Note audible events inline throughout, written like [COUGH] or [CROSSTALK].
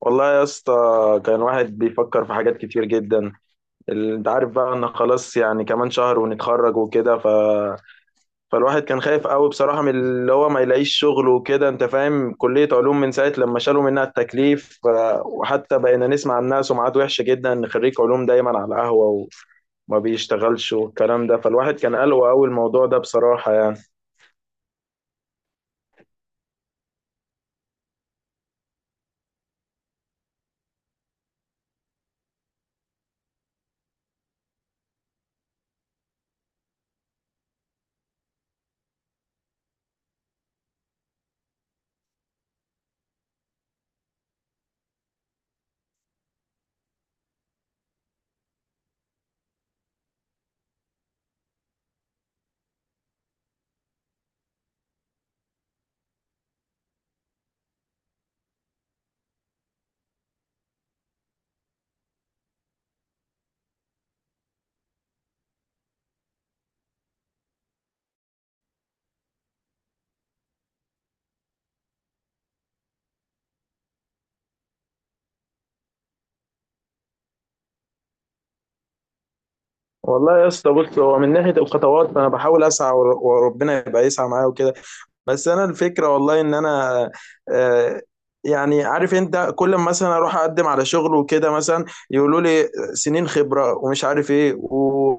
والله يا اسطى كان واحد بيفكر في حاجات كتير جدا. انت عارف بقى ان خلاص، يعني كمان شهر ونتخرج وكده فالواحد كان خايف قوي بصراحة من اللي هو ما يلاقيش شغل وكده، انت فاهم، كلية علوم من ساعة لما شالوا منها التكليف. وحتى بقينا نسمع عن ناس سمعات وحشة جدا ان خريج علوم دايما على القهوة وما بيشتغلش والكلام ده. فالواحد كان قلقه قوي الموضوع ده بصراحة يعني. والله يا اسطى بص، هو من ناحية الخطوات فانا بحاول اسعى، وربنا يبقى يسعى معايا وكده. بس انا الفكره والله ان انا آه، يعني عارف انت، كل ما مثلا اروح اقدم على شغل وكده مثلا يقولوا لي سنين خبره ومش عارف ايه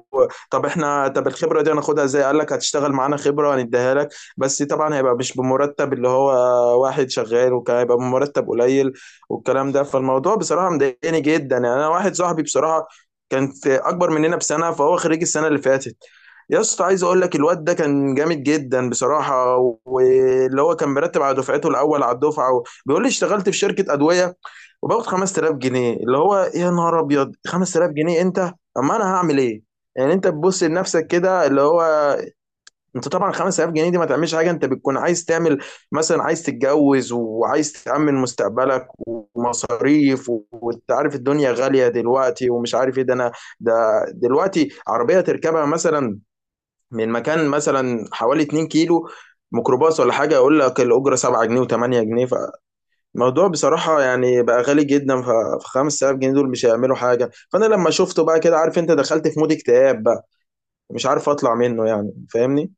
طب احنا الخبره دي هناخدها ازاي؟ قال لك هتشتغل معانا خبره هنديها لك، بس طبعا هيبقى مش بمرتب اللي هو واحد شغال، وكان هيبقى بمرتب قليل والكلام ده. فالموضوع بصراحه مضايقني جدا يعني. انا واحد صاحبي بصراحه كانت اكبر مننا بسنه، فهو خريج السنه اللي فاتت، يا اسطى عايز اقول لك الواد ده كان جامد جدا بصراحه، واللي هو كان مرتب على دفعته، الاول على الدفعه، بيقول لي اشتغلت في شركه ادويه وباخد 5000 جنيه. اللي هو يا نهار ابيض، 5000 جنيه، انت؟ اما انا هعمل ايه؟ يعني انت تبص لنفسك كده، اللي هو انت طبعا 5000 جنيه دي ما تعملش حاجه، انت بتكون عايز تعمل، مثلا عايز تتجوز وعايز تأمن مستقبلك ومصاريف، وانت عارف الدنيا غاليه دلوقتي، ومش عارف ايه ده. انا ده دلوقتي عربيه تركبها مثلا من مكان مثلا حوالي 2 كيلو، ميكروباص ولا حاجة، يقول لك الأجرة 7 جنيه و8 جنيه. فالموضوع بصراحة يعني بقى غالي جدا، ف 5000 جنيه دول مش هيعملوا حاجة. فأنا لما شفته بقى كده، عارف أنت، دخلت في مود اكتئاب بقى، مش عارف أطلع منه يعني، فاهمني؟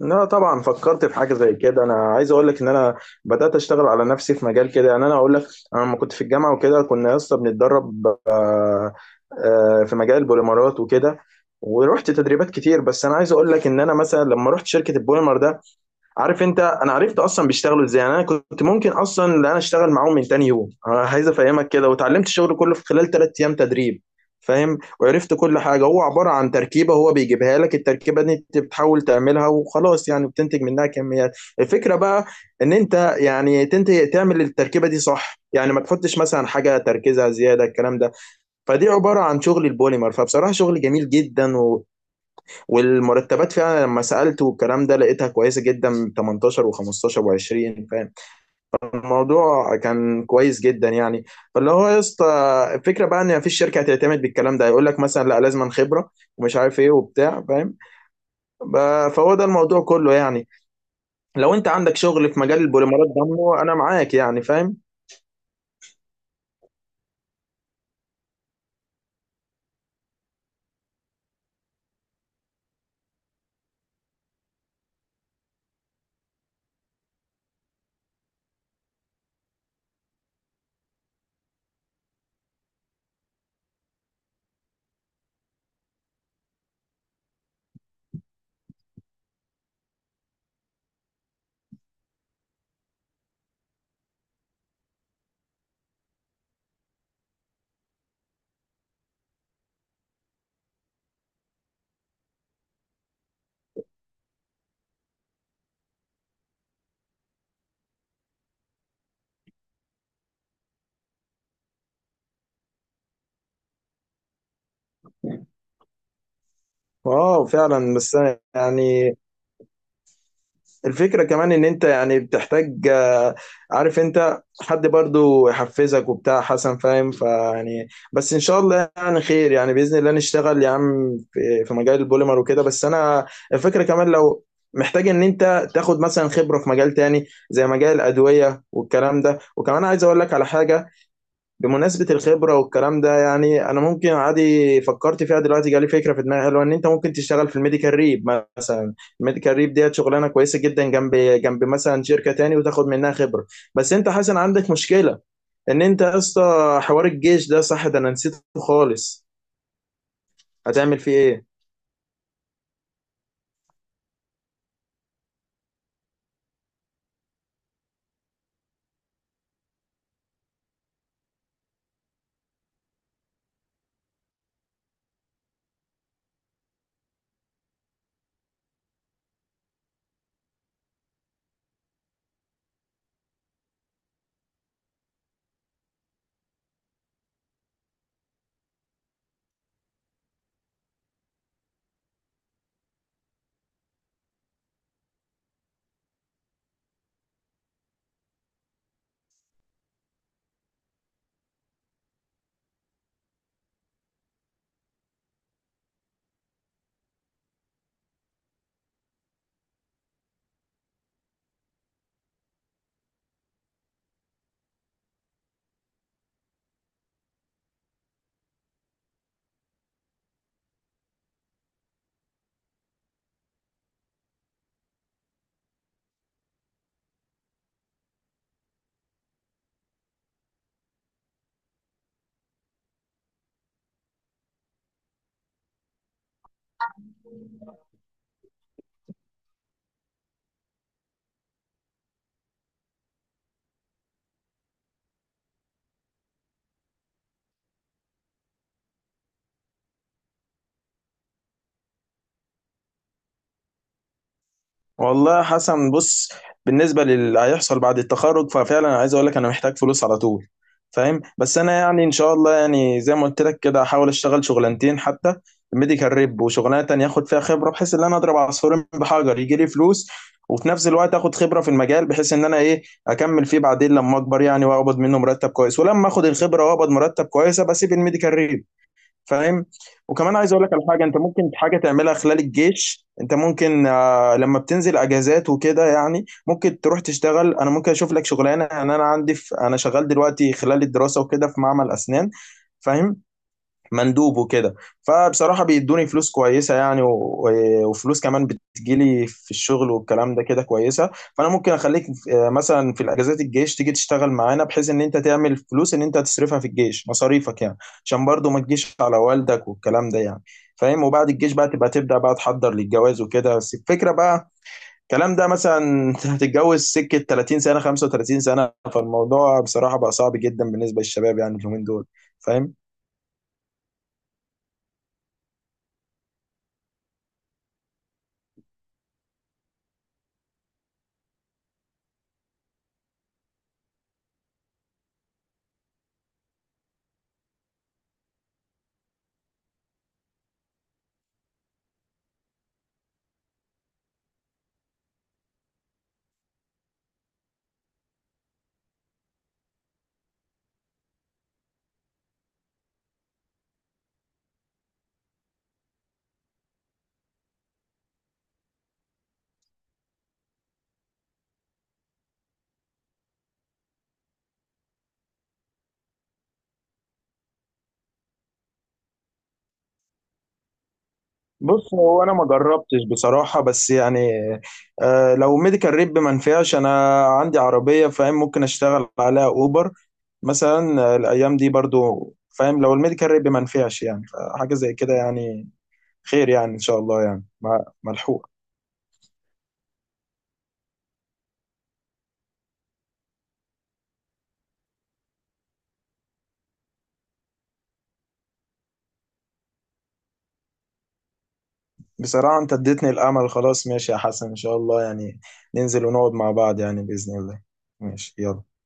لا طبعا فكرت في حاجه زي كده. انا عايز اقول لك ان انا بدات اشتغل على نفسي في مجال كده، يعني انا اقول لك، انا لما كنت في الجامعه وكده كنا يا اسطى بنتدرب في مجال البوليمرات وكده، ورحت تدريبات كتير. بس انا عايز اقول لك ان انا مثلا لما رحت شركه البوليمر ده، عارف انت، انا عرفت اصلا بيشتغلوا ازاي، يعني انا كنت ممكن اصلا ان انا اشتغل معاهم من تاني يوم. انا عايز افهمك كده، وتعلمت الشغل كله في خلال 3 ايام تدريب، فاهم. وعرفت كل حاجه، هو عباره عن تركيبه هو بيجيبها لك، التركيبه دي انت بتحاول تعملها وخلاص يعني، بتنتج منها كميات. الفكره بقى ان انت يعني تنتج تعمل التركيبه دي صح، يعني ما تحطش مثلا حاجه تركيزها زياده، الكلام ده. فدي عباره عن شغل البوليمر، فبصراحه شغل جميل جدا، والمرتبات فعلا لما سألت والكلام ده لقيتها كويسة جدا، 18 و15 و20، فاهم. الموضوع كان كويس جدا يعني. فاللي هو يا اسطى الفكرة بقى ان مفيش شركة هتعتمد بالكلام ده، هيقول لك مثلا لا، لازم خبرة ومش عارف ايه وبتاع، فاهم. فهو ده الموضوع كله يعني. لو انت عندك شغل في مجال البوليمرات ده انا معاك يعني، فاهم. اه فعلا، بس يعني الفكرة كمان ان انت يعني بتحتاج عارف انت، حد برضو يحفزك وبتاع، حسن فاهم. فيعني بس ان شاء الله يعني خير، يعني بإذن الله نشتغل يا عم في مجال البوليمر وكده. بس انا الفكرة كمان، لو محتاج ان انت تاخد مثلا خبرة في مجال تاني زي مجال الأدوية والكلام ده، وكمان عايز اقول لك على حاجة، بمناسبة الخبرة والكلام ده يعني أنا ممكن عادي فكرت فيها دلوقتي، جالي فكرة في دماغي حلوة، إن أنت ممكن تشتغل في الميديكال ريب مثلا. الميديكال ريب ديت شغلانة كويسة جدا، جنب جنب مثلا شركة تاني وتاخد منها خبرة. بس أنت حسن عندك مشكلة، إن أنت يا اسطى حوار الجيش ده، صح، ده أنا نسيته خالص. هتعمل فيه إيه؟ والله يا حسن بص، بالنسبه للي هيحصل بعد التخرج ففعلا عايز اقول لك انا محتاج فلوس على طول، فاهم. بس انا يعني ان شاء الله، يعني زي ما قلت لك كده، هحاول اشتغل شغلانتين حتى، ميديكال ريب وشغلانه تانية اخد فيها خبره، بحيث ان انا اضرب عصفورين بحجر، يجي لي فلوس وفي نفس الوقت اخد خبره في المجال، بحيث ان انا ايه، اكمل فيه بعدين لما اكبر يعني، واقبض منه مرتب كويس، ولما اخد الخبره واقبض مرتب كويس ابقى اسيب الميديكال ريب، فاهم. وكمان عايز اقول لك على حاجه، انت ممكن حاجه تعملها خلال الجيش. انت ممكن لما بتنزل اجازات وكده يعني، ممكن تروح تشتغل، انا ممكن اشوف لك شغلانه، يعني انا عندي، في انا شغال دلوقتي خلال الدراسه وكده في معمل اسنان، فاهم، مندوب وكده. فبصراحة بيدوني فلوس كويسة يعني، وفلوس كمان بتجيلي في الشغل والكلام ده كده كويسة. فأنا ممكن أخليك مثلا في الأجازات الجيش تيجي تشتغل معانا، بحيث إن أنت تعمل فلوس، إن أنت تصرفها في الجيش مصاريفك يعني، عشان برضو ما تجيش على والدك والكلام ده يعني، فاهم. وبعد الجيش بقى تبقى تبدأ بقى تحضر للجواز وكده. بس الفكرة بقى، الكلام ده مثلا [LAUGHS] أنت هتتجوز سكة 30 سنة، 35 سنة. فالموضوع بصراحة بقى صعب جدا بالنسبة للشباب يعني، اليومين دول، فاهم. بص، هو انا ما جربتش بصراحه، بس يعني آه، لو ميديكال ريب ما نفعش، انا عندي عربيه، فاهم، ممكن اشتغل عليها اوبر مثلا الايام دي برضو، فاهم. لو الميديكال ريب ما نفعش يعني، حاجه زي كده يعني، خير يعني ان شاء الله يعني، ملحوق. بصراحه انت اديتني الامل، خلاص ماشي يا حسن، ان شاء الله يعني ننزل ونقعد مع بعض يعني، باذن الله. ماشي، يلا.